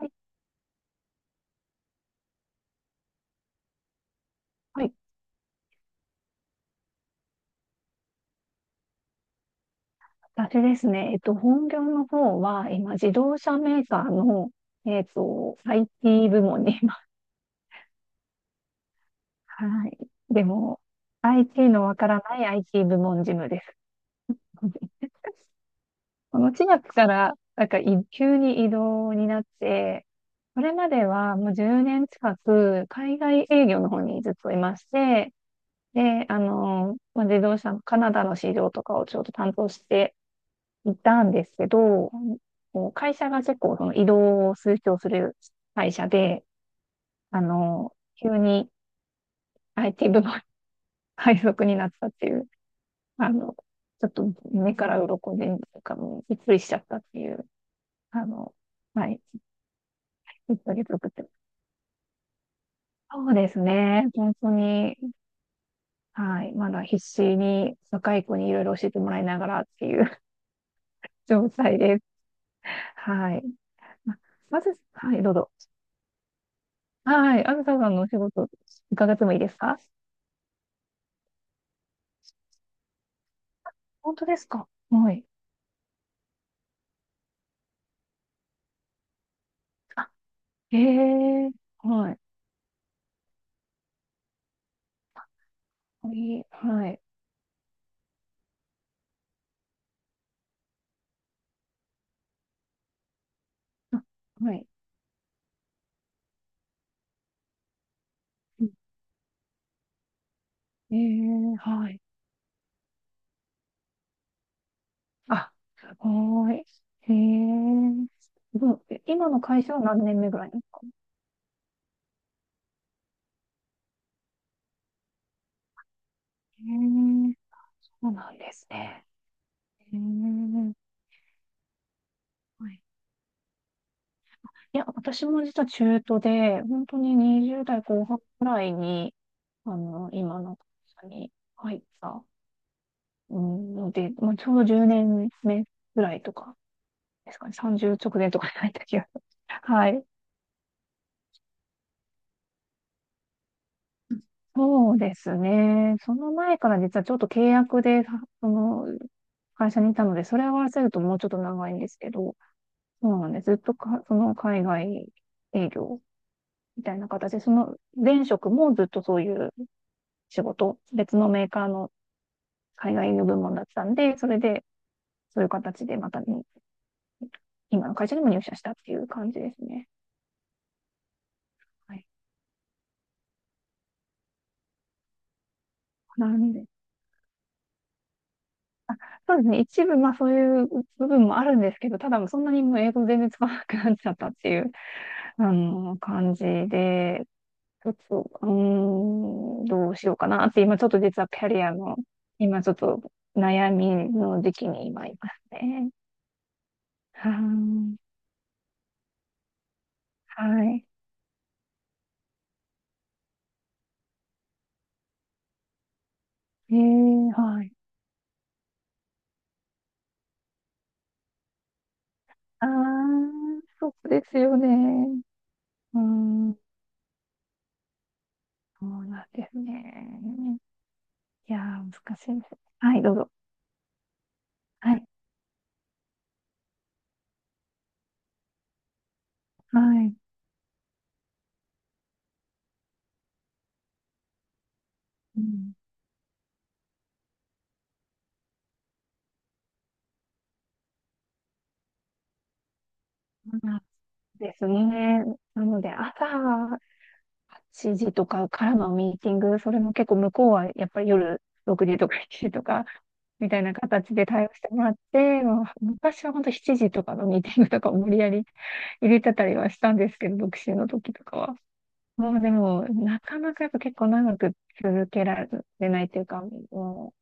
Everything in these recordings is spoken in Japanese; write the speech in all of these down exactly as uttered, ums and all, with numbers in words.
はい、はい、私ですね、えっと、本業の方は、今、自動車メーカーの、えっと、アイティー 部門に、今、はい。でも、アイティー のわからない アイティー 部門事務です。このしがつから、なんか、い急に異動になって、これまではもうじゅうねん近く、海外営業の方にずっといまして、で、あの、まあ、自動車のカナダの市場とかをちょっと担当していたんですけど、こう会社が結構その移動を推奨する会社で、あの、急に アイティー 部門 配属になったっていう、あの、ちょっと目から鱗で、なんかもうびっくりしちゃったっていう、あの、はい、いっヶつ送ってます。そうですね。本当に、はい。まだ必死に若い子にいろいろ教えてもらいながらっていう 状態です。はい。あ、まず、はい、どうぞ。はい。あずささんのお仕事伺ってもいいですか？本当ですか？はい。ええ、はい。いい、はい。あ、はい。ええ、はい。あ、すごい。ええ、どう、え、今の会社は何年目ぐらいなんですか？ええ、そうなんですね。ええ、はい。いや、私も実は中途で、本当ににじゅう代後半ぐらいに、あの、今の会社に入ったうんので、まあ、ちょうどじゅうねんめぐらいとかですかね。さんじゅう直前とかじゃない時が。はい。そうですね。その前から実はちょっと契約で、その会社にいたので、それを合わせるともうちょっと長いんですけど、そうなんです。ずっとか、その海外営業みたいな形で、その前職もずっとそういう仕事、別のメーカーの海外営業部門だったんで、それでそういう形でまたに今の会社にも入社したっていう感じですね。はい。なんで、そうですね。一部、まあそういう部分もあるんですけど、ただもうそんなにもう英語全然使わなくなっちゃったっていう、あの、感じで、ちょっと、うーん、どうしようかなって、今ちょっと実はキャリアの、今ちょっと悩みの時期に今いますね。はーい。はい。えー、はい。あー、そうですよね。うーん、そうなんですね。いやー、難しいです。はい、どうぞ。はい。はい。うんですね。なので、朝はちじとかからのミーティング、それも結構向こうはやっぱり夜ろくじとかしちじとか、みたいな形で対応してもらって、もう昔は本当しちじとかのミーティングとかを無理やり入れてたりはしたんですけど、独身の時とかは。もうでも、なかなかやっぱ結構長く続けられないというか、も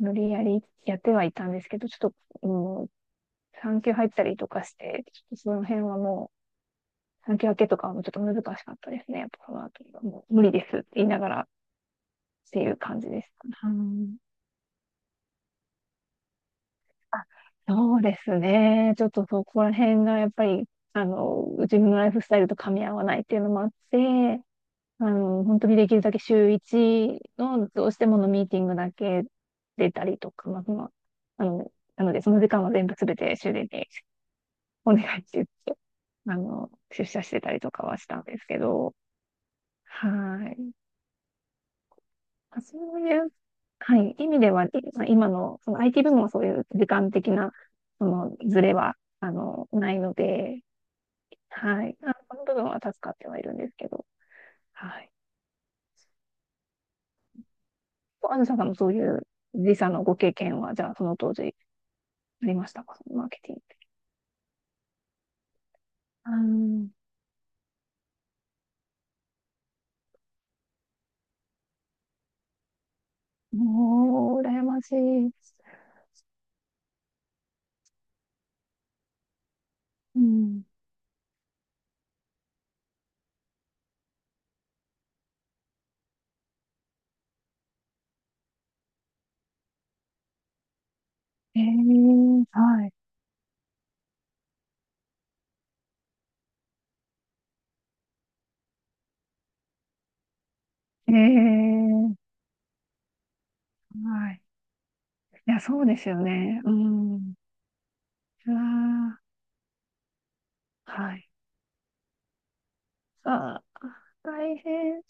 う無理やりやってはいたんですけど、ちょっと、もう産休入ったりとかして、ちょっとその辺はもう、産休明けとかはもうちょっと難しかったですね。やっぱそのあたりはもう無理ですって言いながらっていう感じです。うん、あ、そうですね。ちょっとそこら辺がやっぱり、あの、自分のライフスタイルと噛み合わないっていうのもあって、あの、本当にできるだけ週いちのどうしてものミーティングだけ出たりとか、まあ、まあ、あの、なのでその時間は全部すべて終電にお願いって言って、あの、出社してたりとかはしたんですけど、はい。あ、そういう、はい、意味では、いまあ今の、その アイティー 部門はそういう時間的な、その、ズレは、あの、ないので、はい。あ、この部分は助かってはいるんですけど、はい。アンさんもそういう時差のご経験は、じゃあ、その当時、ありましたか？そのマーケティング。あー、もう、羨ましいです。うん。えー、はい。えー、はい。いや、そうですよね。うん。うわー、はい。さあ、大変。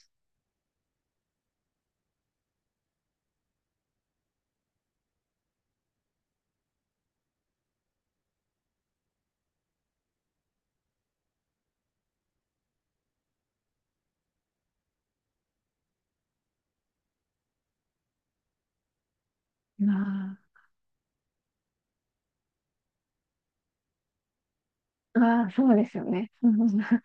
まあ、ああ、そうですよね。うん、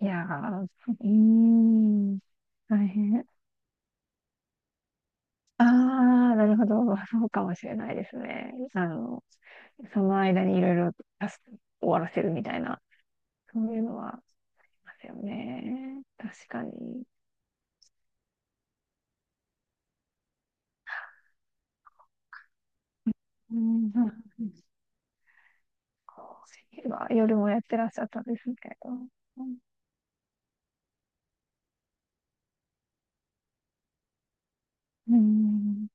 いやー、うーん、大変。ああ、なるほど。そうかもしれないですね。あの、その間にいろいろタスク終わらせるみたいな、そういうのはありますよね。確かに。うん、そうは夜もやってらっしゃったんですね。うん、うん、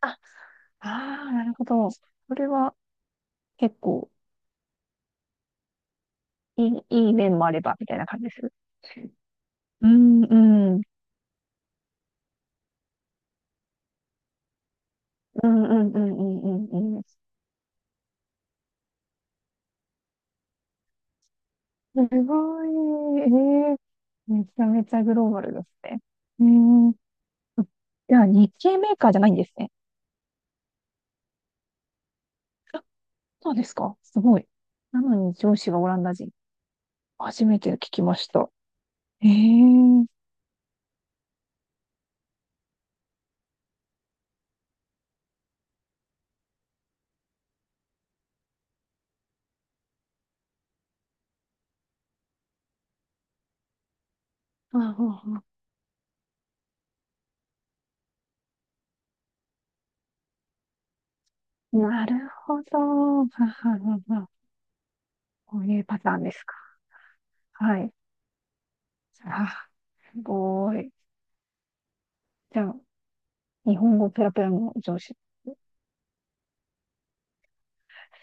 あ、ああ、なるほど。それは結構いい、いい面もあれば、みたいな感じです。うん、うん、うん、うん、うん、うん、うんうん。すごい、えー、めちゃめちゃグローバルですね。うん、じゃあ日系メーカーじゃないんですね。あ、そうですか。すごい。なのに上司がオランダ人。初めて聞きました。ええ、あ、あ、あ、なるほど。はは、はは、こういうパターンですか？はい。あ、すごい。じゃあ、日本語ペラペラの上司。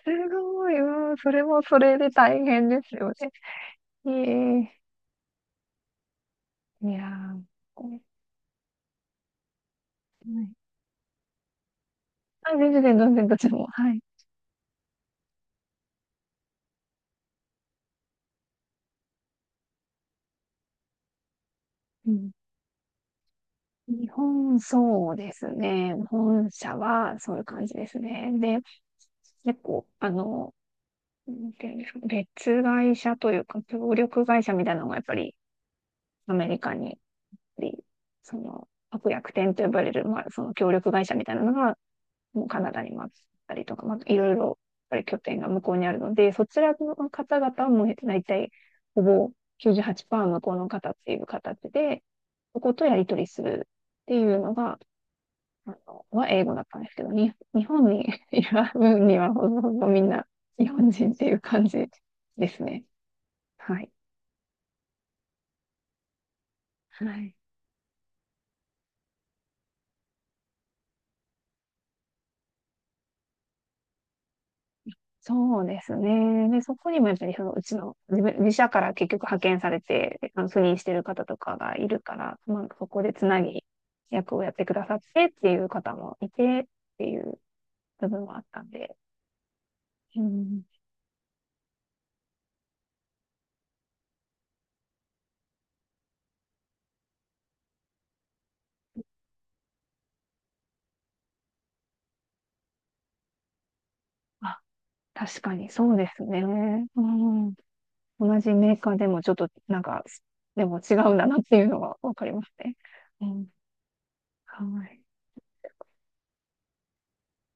すごい、うん、それもそれで大変ですよね。ええ、いやー、これ、はい、あ、全然全然、全然、どっちも。はい。うん。日本、そうですね。本社は、そういう感じですね。で、結構、あの、なんていうんですか、別会社というか、協力会社みたいなのがやっぱりアメリカにり、その、悪役店と呼ばれる、まあ、その協力会社みたいなのが、もうカナダにもあったりとか、まあ、いろいろ、やっぱり拠点が向こうにあるので、そちらの方々はもう大体、ほぼきゅうじゅうはちパーセント向こうの方っていう形で、そことやり取りするっていうのが、あの、は英語だったんですけど、に、日本にいる分にはほぼほぼみんな日本人っていう感じですね。はい。はい。そうですね。で、そこにもやっぱりそのうちの自分、自社から結局派遣されて、あの赴任してる方とかがいるから、まあ、そこでつなぎ役をやってくださってっていう方もいてっていう部分もあったんで。うん。あ、確かにそうですね。うん。同じメーカーでもちょっとなんか、でも違うんだなっていうのはわかりますね。うん。はい。